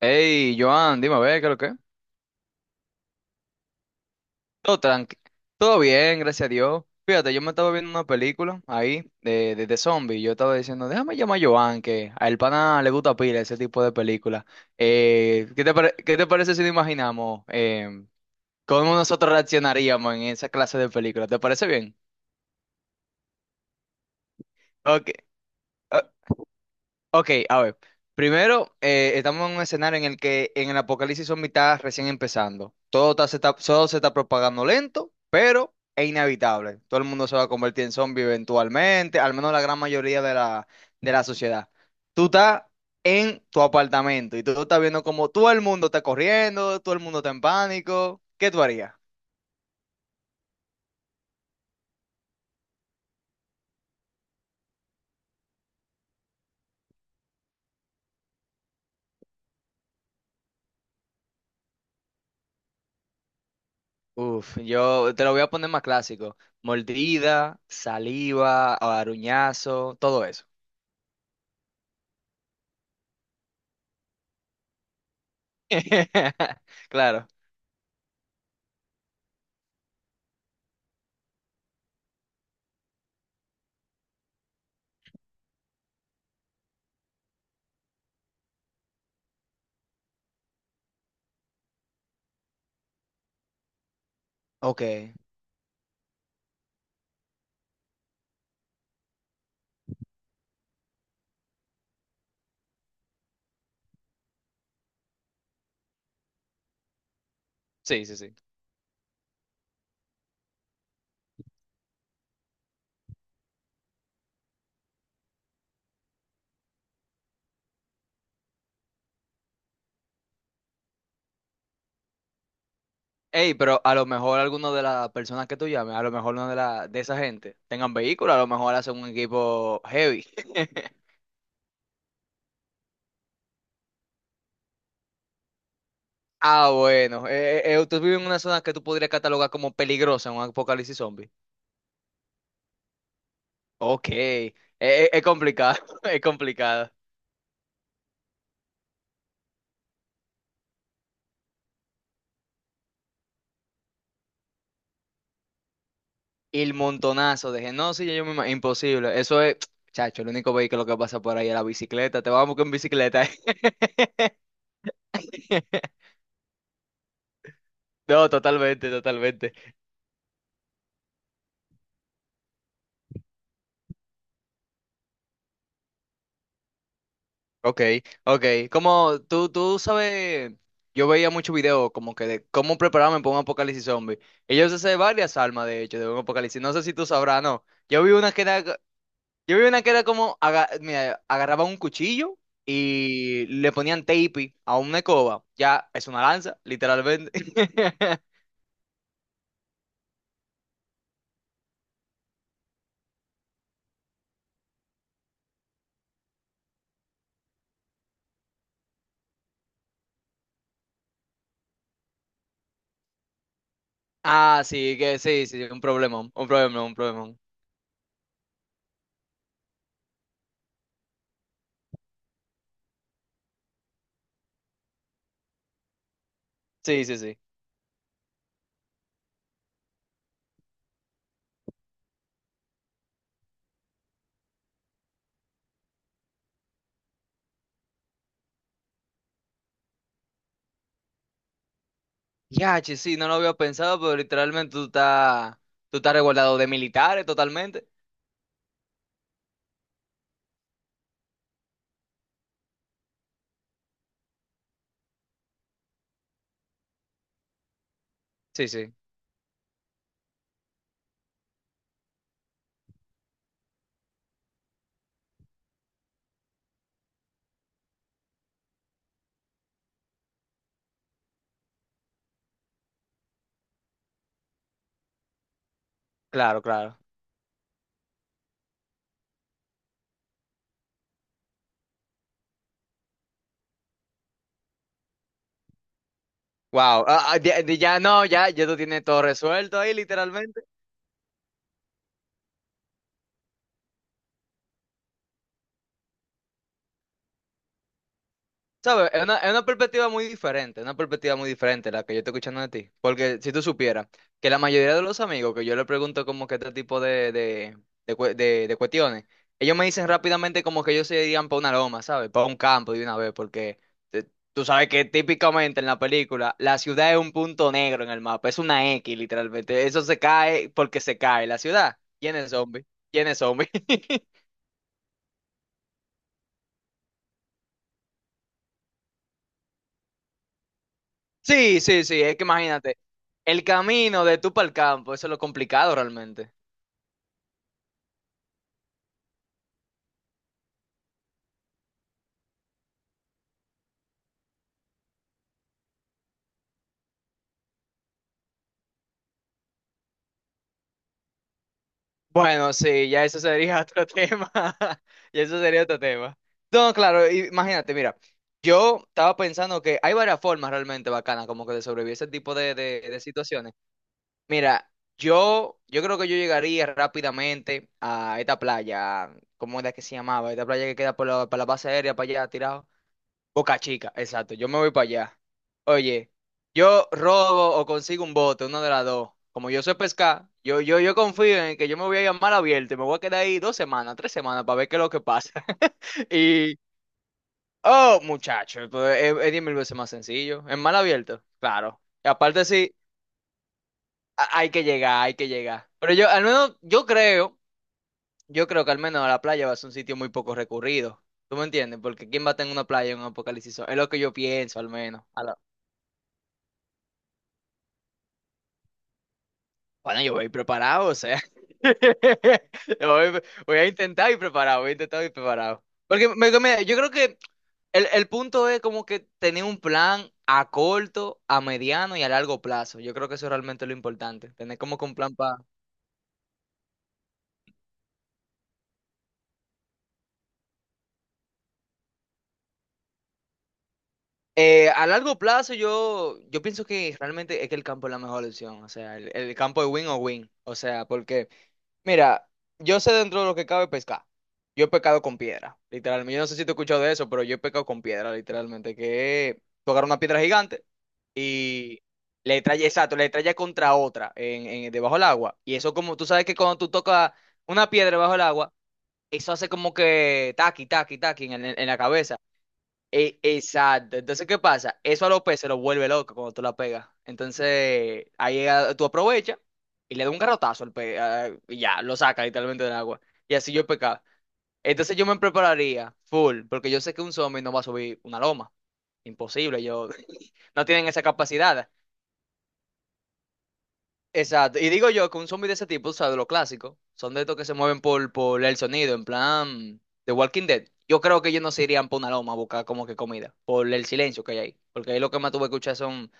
Hey, Joan, dime a ver, ¿qué es lo que? Todo tranqui. Todo bien, gracias a Dios. Fíjate, yo me estaba viendo una película ahí de zombies. Yo estaba diciendo, déjame llamar a Joan, que a el pana le gusta pila ese tipo de película. ¿ Qué te parece si nos imaginamos cómo nosotros reaccionaríamos en esa clase de película? ¿Te parece bien? Ok. Ok, a ver. Primero, estamos en un escenario en el que en el apocalipsis son mitad recién empezando. Se está, todo se está propagando lento, pero es inevitable. Todo el mundo se va a convertir en zombie eventualmente, al menos la gran mayoría de de la sociedad. Tú estás en tu apartamento y tú estás viendo como todo el mundo está corriendo, todo el mundo está en pánico. ¿Qué tú harías? Uf, yo te lo voy a poner más clásico. Mordida, saliva, aruñazo, todo eso. Claro. Ok. Sí, sí, sí. Ey, pero a lo mejor alguna de las personas que tú llames, a lo mejor una de de esa gente tengan vehículo, a lo mejor hacen un equipo heavy. Ah, bueno. Tú vives en una zona que tú podrías catalogar como peligrosa en un apocalipsis zombie. Ok. Es complicado, es complicado. Y el montonazo de gente. No, sí, Imposible. Eso es, chacho, el único vehículo que pasa por ahí es la bicicleta. Te vamos con bicicleta. No, totalmente, totalmente. Ok, ok. Como tú sabes, yo veía muchos videos como que de cómo prepararme para un apocalipsis zombie. Ellos hacen varias armas, de hecho, de un apocalipsis. No sé si tú sabrás, no. Yo vi una que era como, mira, agarraba un cuchillo y le ponían tape a una escoba. Ya, es una lanza, literalmente. Ah, sí, que sí, sí, un problema, un problema, un problema. Sí, sí, sí. Ya, che, sí, no lo había pensado, pero literalmente tú estás resguardado de militares totalmente. Sí, sí, claro, claro. Wow, ya, no, ya, ya tú tienes todo resuelto ahí, literalmente. ¿Sabes? Es una perspectiva muy diferente, una perspectiva muy diferente la que yo estoy escuchando de ti. Porque si tú supieras que la mayoría de los amigos que yo le pregunto como que este tipo de de cuestiones, ellos me dicen rápidamente como que ellos se irían para una loma, ¿sabes? Para un campo de una vez, porque te- tú sabes que típicamente en la película la ciudad es un punto negro en el mapa, es una X literalmente. Eso se cae porque se cae. La ciudad, ¿quién es zombie? ¿Quién es zombie? Sí, sí, sí, es que imagínate, el camino de tú para el campo, eso es lo complicado realmente. Bueno, sí, ya eso sería otro tema, y eso sería otro tema. No, claro, imagínate, mira, yo estaba pensando que hay varias formas realmente bacanas como que de sobrevivir a ese tipo de situaciones. Mira, yo creo que yo llegaría rápidamente a esta playa, ¿cómo era que se llamaba? Esta playa que queda por por la base aérea para allá, tirado. Boca Chica, exacto. Yo me voy para allá. Oye, yo robo o consigo un bote, una de las dos. Como yo sé pescar, yo confío en que yo me voy a llamar abierto y me voy a quedar ahí 2 semanas, 3 semanas para ver qué es lo que pasa. Y, oh, muchacho, pues, es 10.000 veces más sencillo. En mar abierto, claro. Y aparte sí, hay que llegar, hay que llegar. Pero yo, al menos, yo creo que al menos la playa va a ser un sitio muy poco recurrido. ¿Tú me entiendes? Porque ¿quién va a tener una playa en un apocalipsis zombie? Es lo que yo pienso, al menos. Bueno, yo voy preparado, o sea. Yo voy, voy a intentar ir preparado, voy a intentar ir preparado. Porque yo creo que el punto es como que tener un plan a corto, a mediano y a largo plazo. Yo creo que eso es realmente es lo importante. Tener como que un plan para... A largo plazo yo pienso que realmente es que el campo es la mejor opción. O sea, el campo es win o win. O sea, porque... Mira, yo sé dentro de lo que cabe pescar. Yo he pecado con piedra, literalmente. Yo no sé si te he escuchado de eso, pero yo he pecado con piedra, literalmente. Que tú agarras una piedra gigante y le estrellas, exacto, le estrellas contra otra debajo del agua. Y eso como, tú sabes que cuando tú tocas una piedra debajo del agua, eso hace como que taqui, taqui, taqui en, en la cabeza. Exacto. Entonces, ¿qué pasa? Eso a los se lo vuelve loco cuando tú la pegas. Entonces, tú aprovechas y le das un garrotazo al pe ah, y ya, lo saca literalmente del agua. Y así yo he pecado. Entonces yo me prepararía full, porque yo sé que un zombie no va a subir una loma. Imposible, yo no tienen esa capacidad. Exacto. Y digo yo que un zombie de ese tipo, o sea, de lo clásico, son de estos que se mueven por el sonido, en plan The Walking Dead. Yo creo que ellos no se irían por una loma a buscar como que comida, por el silencio que hay ahí. Porque ahí lo que más tuve que escuchar son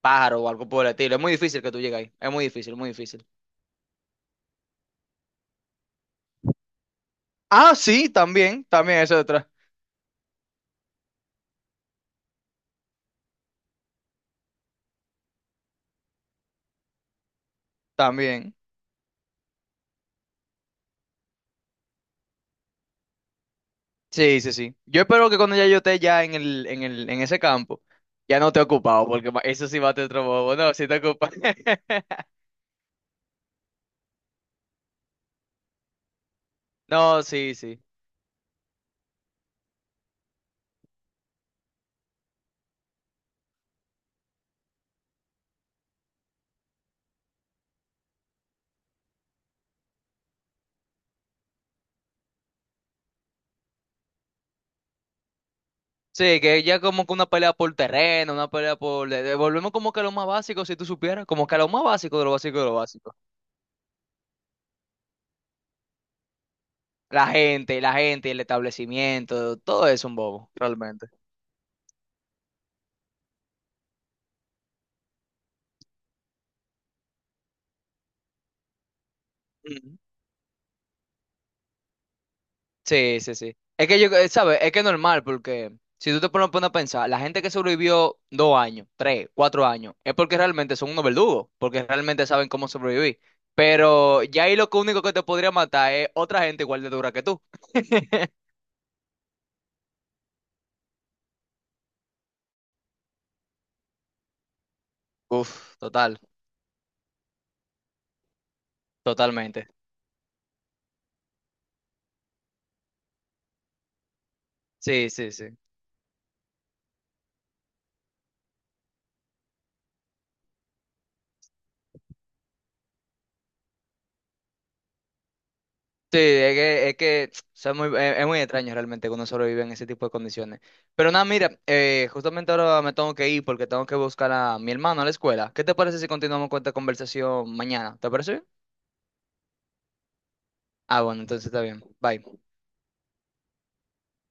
pájaros o algo por el estilo. Es muy difícil que tú llegues ahí. Es muy difícil, muy difícil. Ah, sí, también, también eso detrás. También. Sí, sí, sí. Yo espero que cuando ya yo esté ya en en ese campo, ya no te he ocupado, porque eso sí va a te otro bobo. No, sí te ocupa. No, sí, sí. Sí, que ya como que una pelea por terreno, una pelea por... Volvemos como que a lo más básico, si tú supieras, como que a lo más básico de lo básico de lo básico. La gente, el establecimiento, todo es un bobo, realmente. Ujú. Sí, sí, sí. Es que yo, ¿sabes? Es que es normal, porque si tú te pones a pensar, la gente que sobrevivió 2 años, 3, 4 años, es porque realmente son unos verdugos, porque realmente saben cómo sobrevivir. Pero ya ahí lo que único que te podría matar es otra gente igual de dura que tú. Uf, total, totalmente. Sí, sí, sí. Sí, es que o sea, es muy extraño realmente que uno sobrevive en ese tipo de condiciones. Pero nada, mira, justamente ahora me tengo que ir porque tengo que buscar a mi hermano a la escuela. ¿Qué te parece si continuamos con esta conversación mañana? ¿Te parece bien? Ah, bueno, entonces está bien. Bye.